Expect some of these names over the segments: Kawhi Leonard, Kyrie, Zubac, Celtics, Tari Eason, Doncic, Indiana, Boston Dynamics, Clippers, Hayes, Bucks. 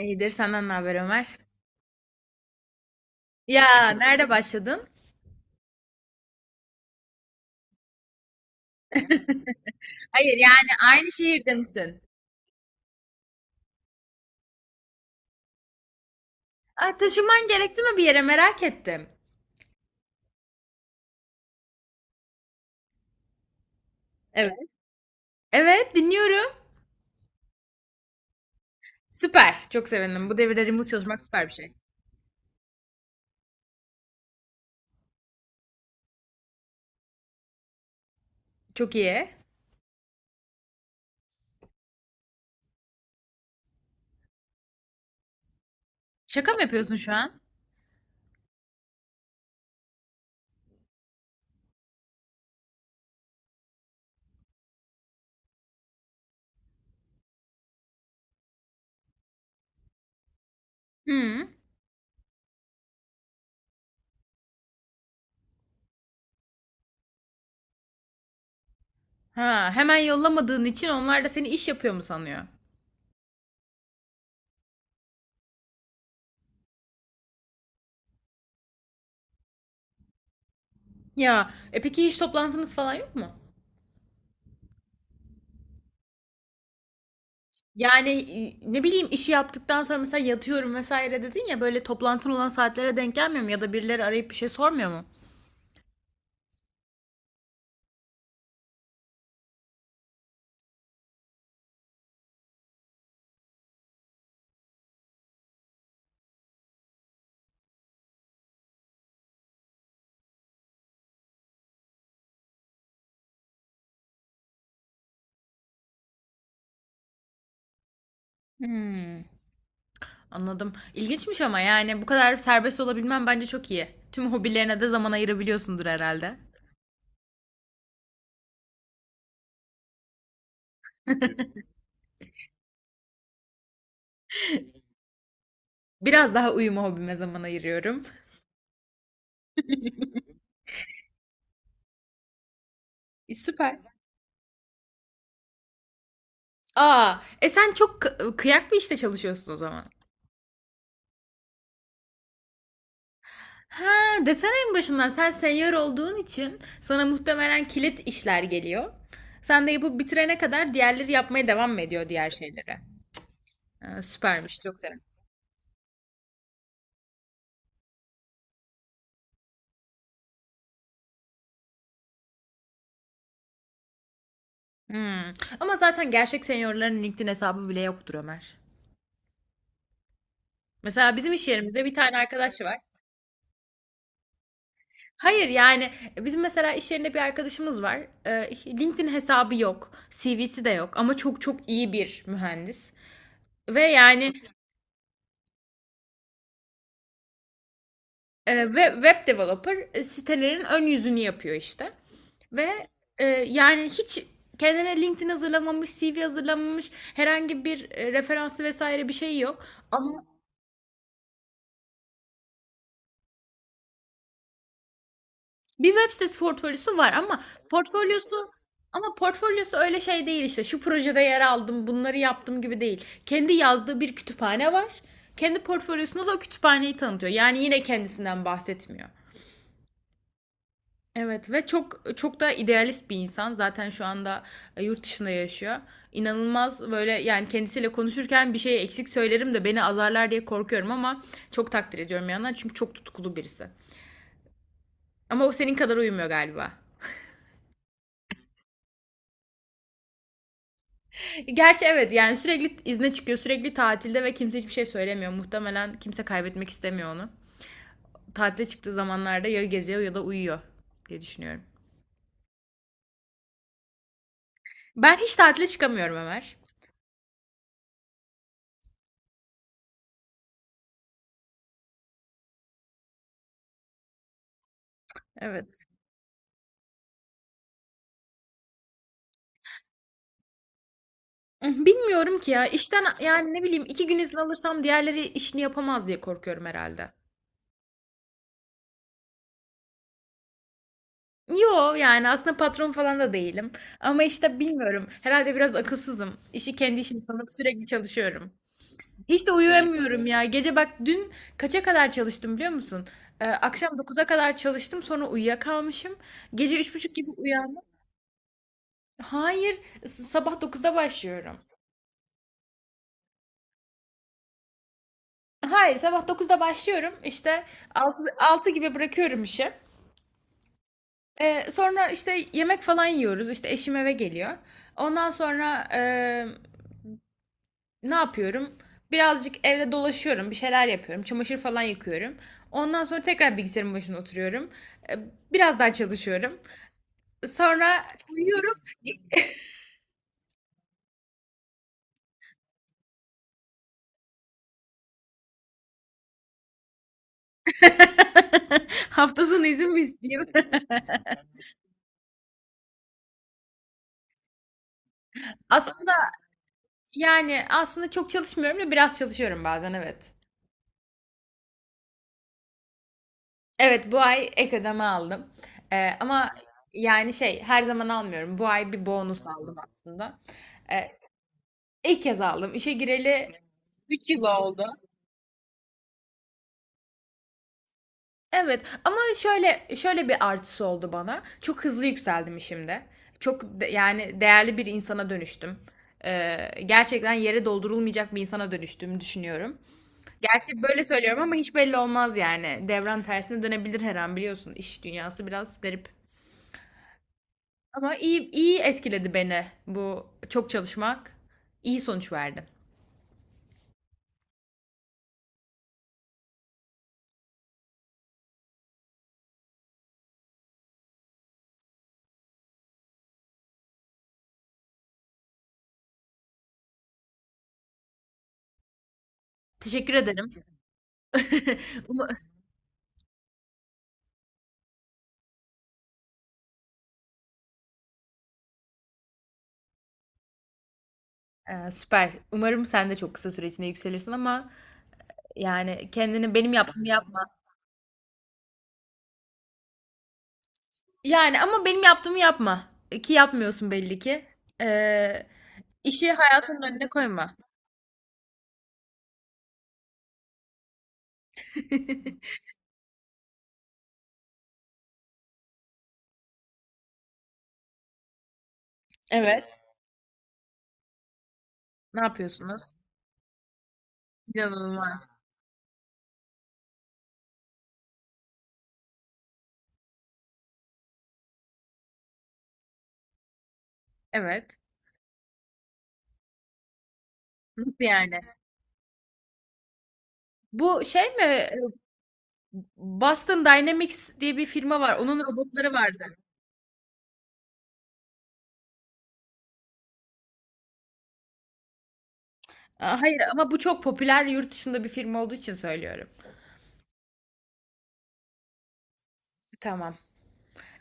İyidir. Senden ne haber Ömer? Ya nerede başladın? Hayır, yani aynı şehirde misin? Aa, taşınman gerekti mi, bir yere merak ettim. Evet. Evet, dinliyorum. Süper. Çok sevindim. Bu devirde remote çalışmak süper bir şey. Çok iyi. Şaka mı yapıyorsun şu an? Hı. Ha, hemen yollamadığın için onlar da seni iş yapıyor mu sanıyor? Ya peki hiç toplantınız falan yok mu? Yani ne bileyim, işi yaptıktan sonra mesela yatıyorum vesaire dedin ya, böyle toplantın olan saatlere denk gelmiyor mu? Ya da birileri arayıp bir şey sormuyor mu? Hmm, anladım. İlginçmiş ama yani bu kadar serbest olabilmen bence çok iyi. Tüm hobilerine de zaman ayırabiliyorsundur herhalde. Biraz daha uyuma hobime zaman ayırıyorum. Süper. Aa, sen çok kıyak bir işte çalışıyorsun o zaman. Ha, desene en başından sen seyyar olduğun için sana muhtemelen kilit işler geliyor. Sen de yapıp bitirene kadar diğerleri yapmaya devam mı ediyor diğer şeylere? Ha, süpermiş, çok sevindim. Hmm. Ama zaten gerçek senyörlerin LinkedIn hesabı bile yoktur Ömer. Mesela bizim iş yerimizde bir tane arkadaş var. Hayır, yani bizim mesela iş yerinde bir arkadaşımız var. LinkedIn hesabı yok. CV'si de yok ama çok çok iyi bir mühendis. Ve yani web developer, sitelerin ön yüzünü yapıyor işte. Ve yani hiç kendine LinkedIn hazırlamamış, CV hazırlamamış, herhangi bir referansı vesaire bir şey yok. Ama bir web sitesi portfolyosu var ama portfolyosu portfolyosu öyle şey değil işte. Şu projede yer aldım, bunları yaptım gibi değil. Kendi yazdığı bir kütüphane var. Kendi portfolyosunda da o kütüphaneyi tanıtıyor. Yani yine kendisinden bahsetmiyor. Evet, ve çok çok da idealist bir insan. Zaten şu anda yurt dışında yaşıyor. İnanılmaz, böyle yani kendisiyle konuşurken bir şey eksik söylerim de beni azarlar diye korkuyorum ama çok takdir ediyorum yandan, çünkü çok tutkulu birisi. Ama o senin kadar uyumuyor galiba. Gerçi evet, yani sürekli izne çıkıyor, sürekli tatilde ve kimse hiçbir şey söylemiyor. Muhtemelen kimse kaybetmek istemiyor onu. Tatile çıktığı zamanlarda ya geziyor ya da uyuyor diye düşünüyorum. Ben hiç tatile çıkamıyorum Ömer. Evet. Bilmiyorum ki ya, işten yani ne bileyim iki gün izin alırsam diğerleri işini yapamaz diye korkuyorum herhalde. Yo, yani aslında patron falan da değilim. Ama işte bilmiyorum. Herhalde biraz akılsızım. İşi kendi işim sanıp sürekli çalışıyorum. Hiç de. Uyuyamıyorum ya. Gece bak, dün kaça kadar çalıştım biliyor musun? Akşam 9'a kadar çalıştım, sonra uyuyakalmışım. Gece 3.30 gibi uyandım. Hayır, sabah 9'da başlıyorum. Hayır, sabah 9'da başlıyorum işte, 6 6 gibi bırakıyorum işi. Sonra işte yemek falan yiyoruz, işte eşim eve geliyor. Ondan sonra ne yapıyorum? Birazcık evde dolaşıyorum, bir şeyler yapıyorum, çamaşır falan yıkıyorum. Ondan sonra tekrar bilgisayarın başına oturuyorum. E, Biraz daha çalışıyorum. Sonra uyuyorum. Hafta sonu izin mi isteyeyim? Aslında yani aslında çok çalışmıyorum da, biraz çalışıyorum bazen, evet. Evet, bu ay ek ödeme aldım. Ama yani şey, her zaman almıyorum. Bu ay bir bonus aldım aslında. Ee, ilk kez aldım. İşe gireli 3 yıl oldu. Evet ama şöyle, şöyle bir artısı oldu bana. Çok hızlı yükseldim işimde. Çok yani değerli bir insana dönüştüm. Ee, Gerçekten yere doldurulmayacak bir insana dönüştüğümü düşünüyorum. Gerçi böyle söylüyorum ama hiç belli olmaz yani. Devran tersine dönebilir her an, biliyorsun. İş dünyası biraz garip. Ama iyi, iyi etkiledi beni bu çok çalışmak. İyi sonuç verdi. Teşekkür ederim. Umu- Süper. Umarım sen de çok kısa süre içinde yükselirsin ama yani kendini, benim yaptığımı yapma. Yani ama benim yaptığımı yapma. Ki yapmıyorsun, belli ki. Ee, işi hayatının önüne koyma. Evet. Ne yapıyorsunuz? İnanılmaz. Evet. Nasıl yani? Bu şey mi? Boston Dynamics diye bir firma var. Onun robotları vardı. Aa, hayır ama bu çok popüler yurt dışında bir firma olduğu için söylüyorum. Tamam.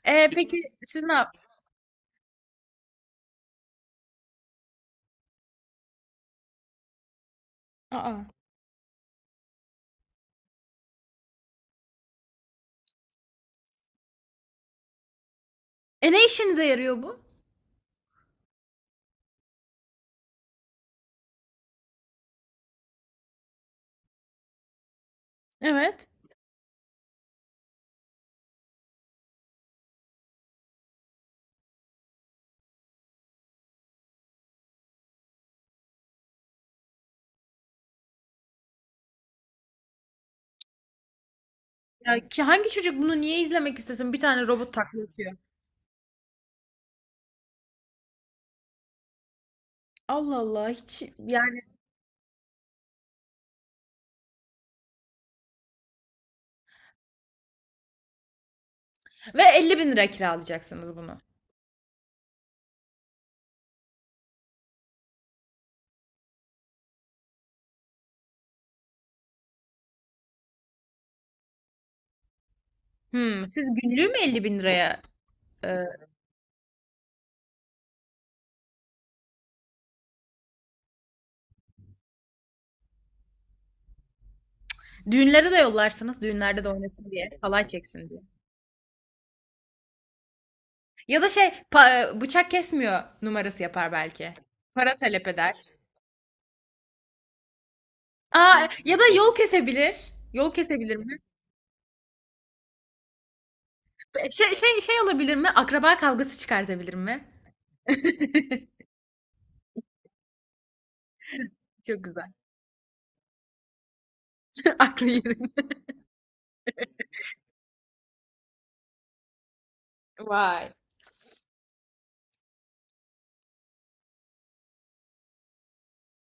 Peki siz ne yap? Aa. E, ne işinize yarıyor bu? Evet. Ya ki hangi çocuk bunu niye izlemek istesin? Bir tane robot taklit atıyor. Allah Allah, hiç yani. Ve 50 bin liraya kiralayacaksınız bunu. Hmm, siz günlüğü mü 50 bin liraya, e, düğünlere de yollarsınız, düğünlerde de oynasın diye, halay çeksin diye. Ya da şey, bıçak kesmiyor numarası yapar belki. Para talep eder. Aa, ya da yol kesebilir. Yol kesebilir mi? Şey olabilir mi? Akraba kavgası çıkartabilir mi? Çok güzel. Aklı yerim. Vay.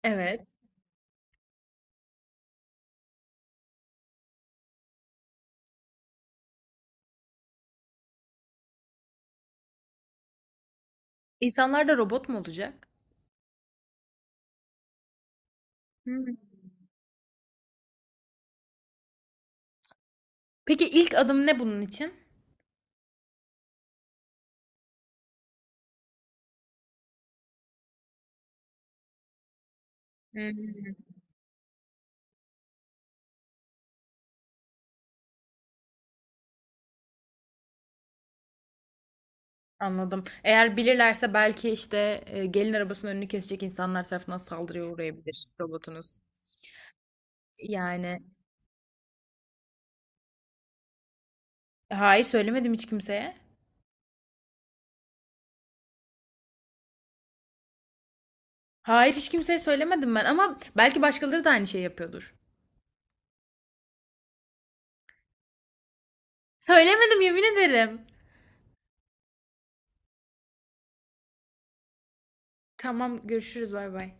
Evet. İnsanlar da robot mu olacak? Hmm. Peki ilk adım ne bunun için? Anladım. Eğer bilirlerse belki, işte, gelin arabasının önünü kesecek insanlar tarafından saldırıya uğrayabilir robotunuz. Yani, hayır, söylemedim hiç kimseye. Hayır, hiç kimseye söylemedim ben ama belki başkaları da aynı şeyi yapıyordur. Söylemedim, yemin ederim. Tamam, görüşürüz. Bay bay.